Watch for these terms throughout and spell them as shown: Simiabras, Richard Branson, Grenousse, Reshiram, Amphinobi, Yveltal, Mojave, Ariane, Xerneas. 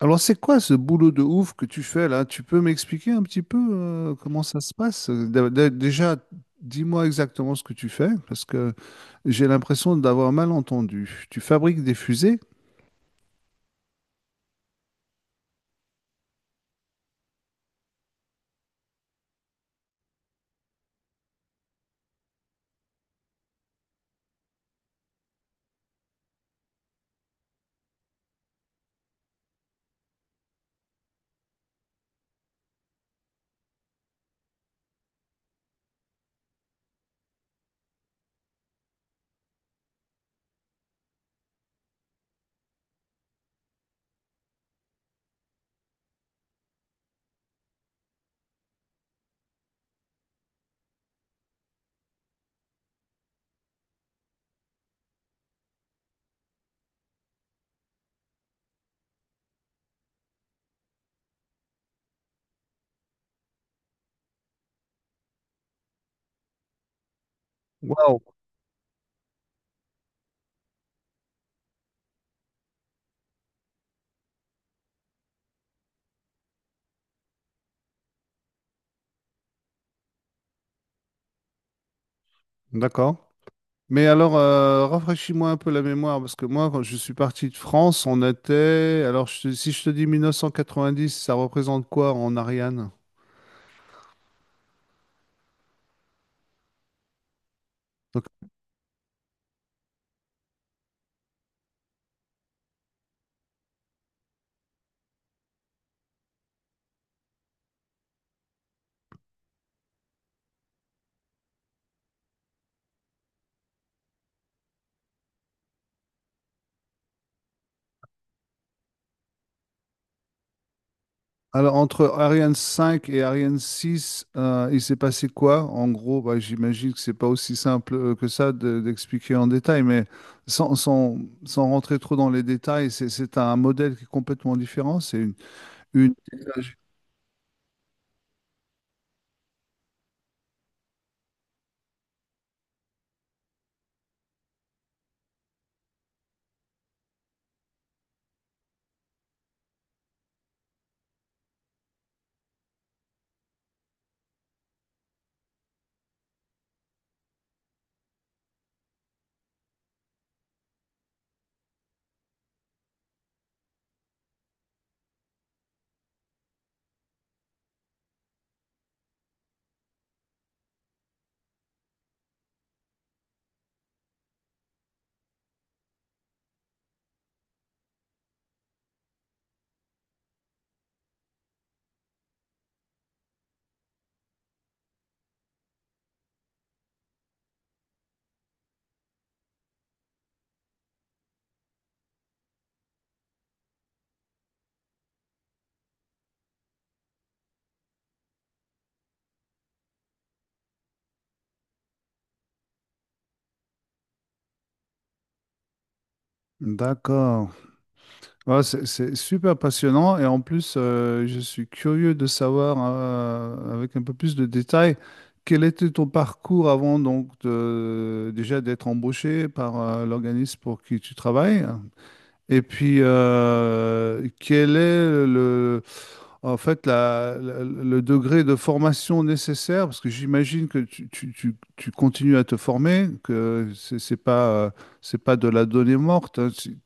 Alors, c'est quoi ce boulot de ouf que tu fais là? Tu peux m'expliquer un petit peu comment ça se passe? Déjà, dis-moi exactement ce que tu fais, parce que j'ai l'impression d'avoir mal entendu. Tu fabriques des fusées? Waouh! D'accord. Mais alors, rafraîchis-moi un peu la mémoire, parce que moi, quand je suis parti de France, on était... Alors, si je te dis 1990, ça représente quoi en Ariane? Donc, alors, entre Ariane cinq et Ariane six, il s'est passé quoi? En gros, bah, j'imagine que c'est pas aussi simple que ça d'expliquer en détail, mais sans, sans- sans rentrer trop dans les détails, c'est un modèle qui est complètement différent. C'est une- D'accord. Ouais, c'est super passionnant et en plus, je suis curieux de savoir, avec un peu plus de détails, quel était ton parcours avant donc déjà d'être embauché par l'organisme pour qui tu travailles? Et puis, quel est le, en fait, le degré de formation nécessaire? Parce que j'imagine que tu continues à te former, que c'est pas, c'est pas de la donnée morte, hein. Tu-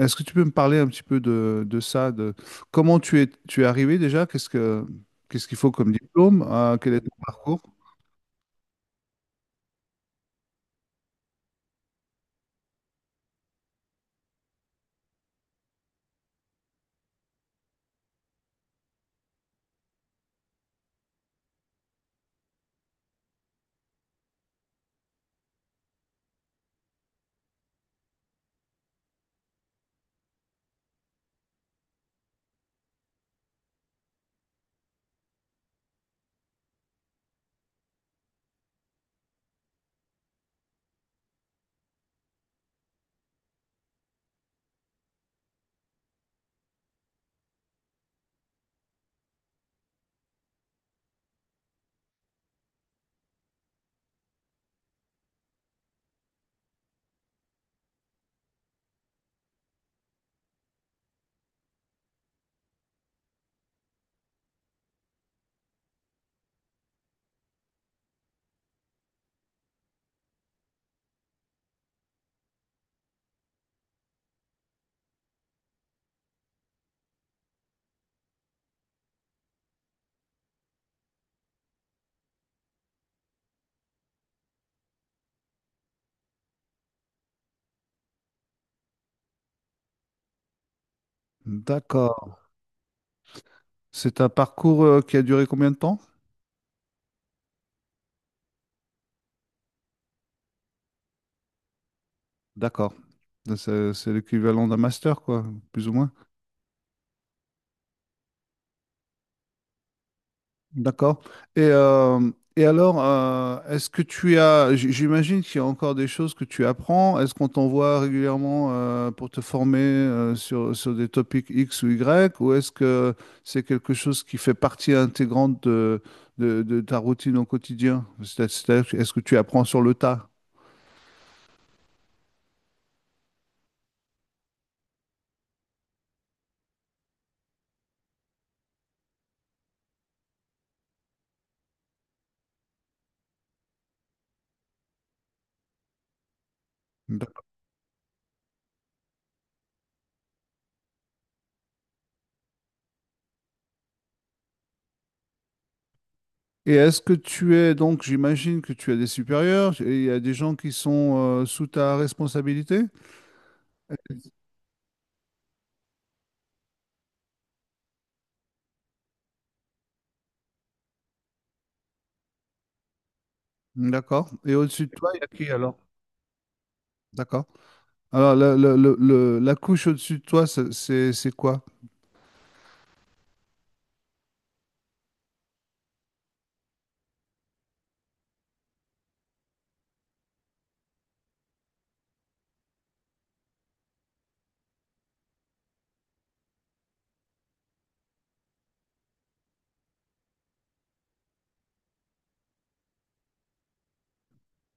Est-ce que tu peux me parler un petit peu de ça, de comment tu es arrivé déjà? Qu'est-ce qu'il faut comme diplôme? Quel est ton parcours? D'accord. C'est un parcours qui a duré combien de temps? D'accord. C'est l'équivalent d'un master, quoi, plus ou moins. D'accord. Et, euh, et alors, est-ce que tu as, j- j'imagine qu'il y a encore des choses que tu apprends. Est-ce qu'on t'envoie régulièrement pour te former sur, sur des topics X ou Y, ou est-ce que c'est quelque chose qui fait partie intégrante de ta routine au quotidien? C'est-à-dire, est-ce que tu apprends sur le tas? D'accord. Et est-ce que tu es, donc, j'imagine que tu as des supérieurs et il y a des gens qui sont sous ta responsabilité? D'accord. Et au-dessus de toi, il y a qui alors? D'accord. Alors, la couche au-dessus de toi, c'est quoi?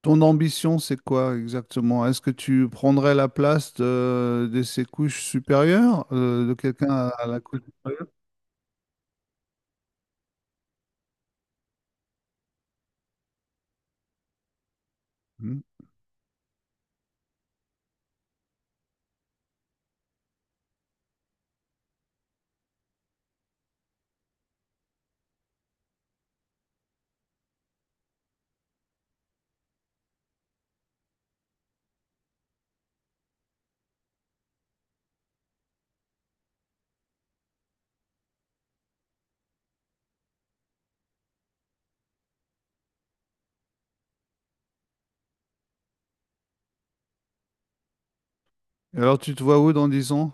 Ton ambition, c'est quoi exactement? Est-ce que tu prendrais la place de ces couches supérieures, de quelqu'un à la couche supérieure? Hmm. Et alors, tu te vois où dans 10 ans?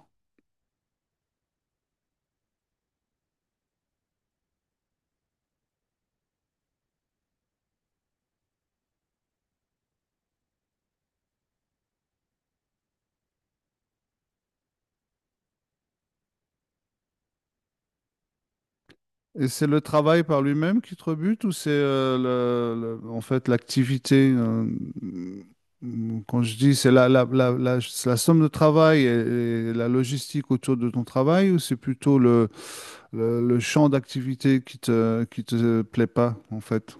Et c'est le travail par lui-même qui te rebute ou c'est en fait l'activité quand je dis c'est la, c'est la somme de travail et la logistique autour de ton travail ou c'est plutôt le champ d'activité qui te plaît pas en fait?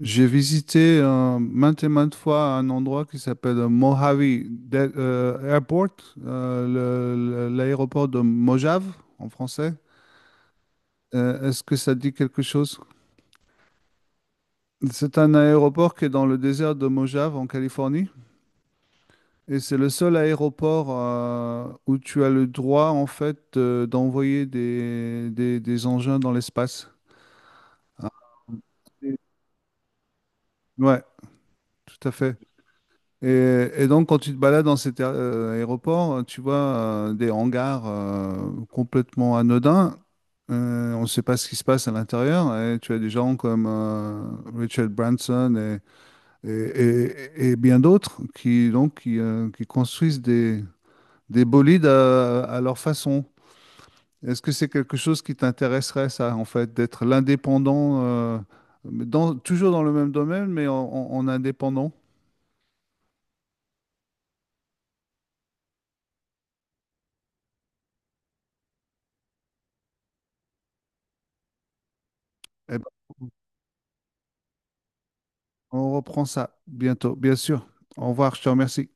J'ai visité maintes et maintes fois un endroit qui s'appelle Airport, euh, l'aéroport de Mojave en français. Est-ce que ça dit quelque chose? C'est un aéroport qui est dans le désert de Mojave en Californie et c'est le seul aéroport où tu as le droit en fait d'envoyer des, des engins dans l'espace. Ah, et- Ouais, tout à fait. Et donc quand tu te balades dans cet aéroport, tu vois des hangars complètement anodins. On ne sait pas ce qui se passe à l'intérieur et tu as des gens comme Richard Branson et, et bien d'autres qui, donc, qui construisent des, bolides à leur façon. Est-ce que c'est quelque chose qui t'intéresserait, ça, en fait, d'être l'indépendant, dans, toujours dans le même domaine, mais en, en indépendant? Eh ben, on reprend ça bientôt, bien sûr. Au revoir, je te remercie.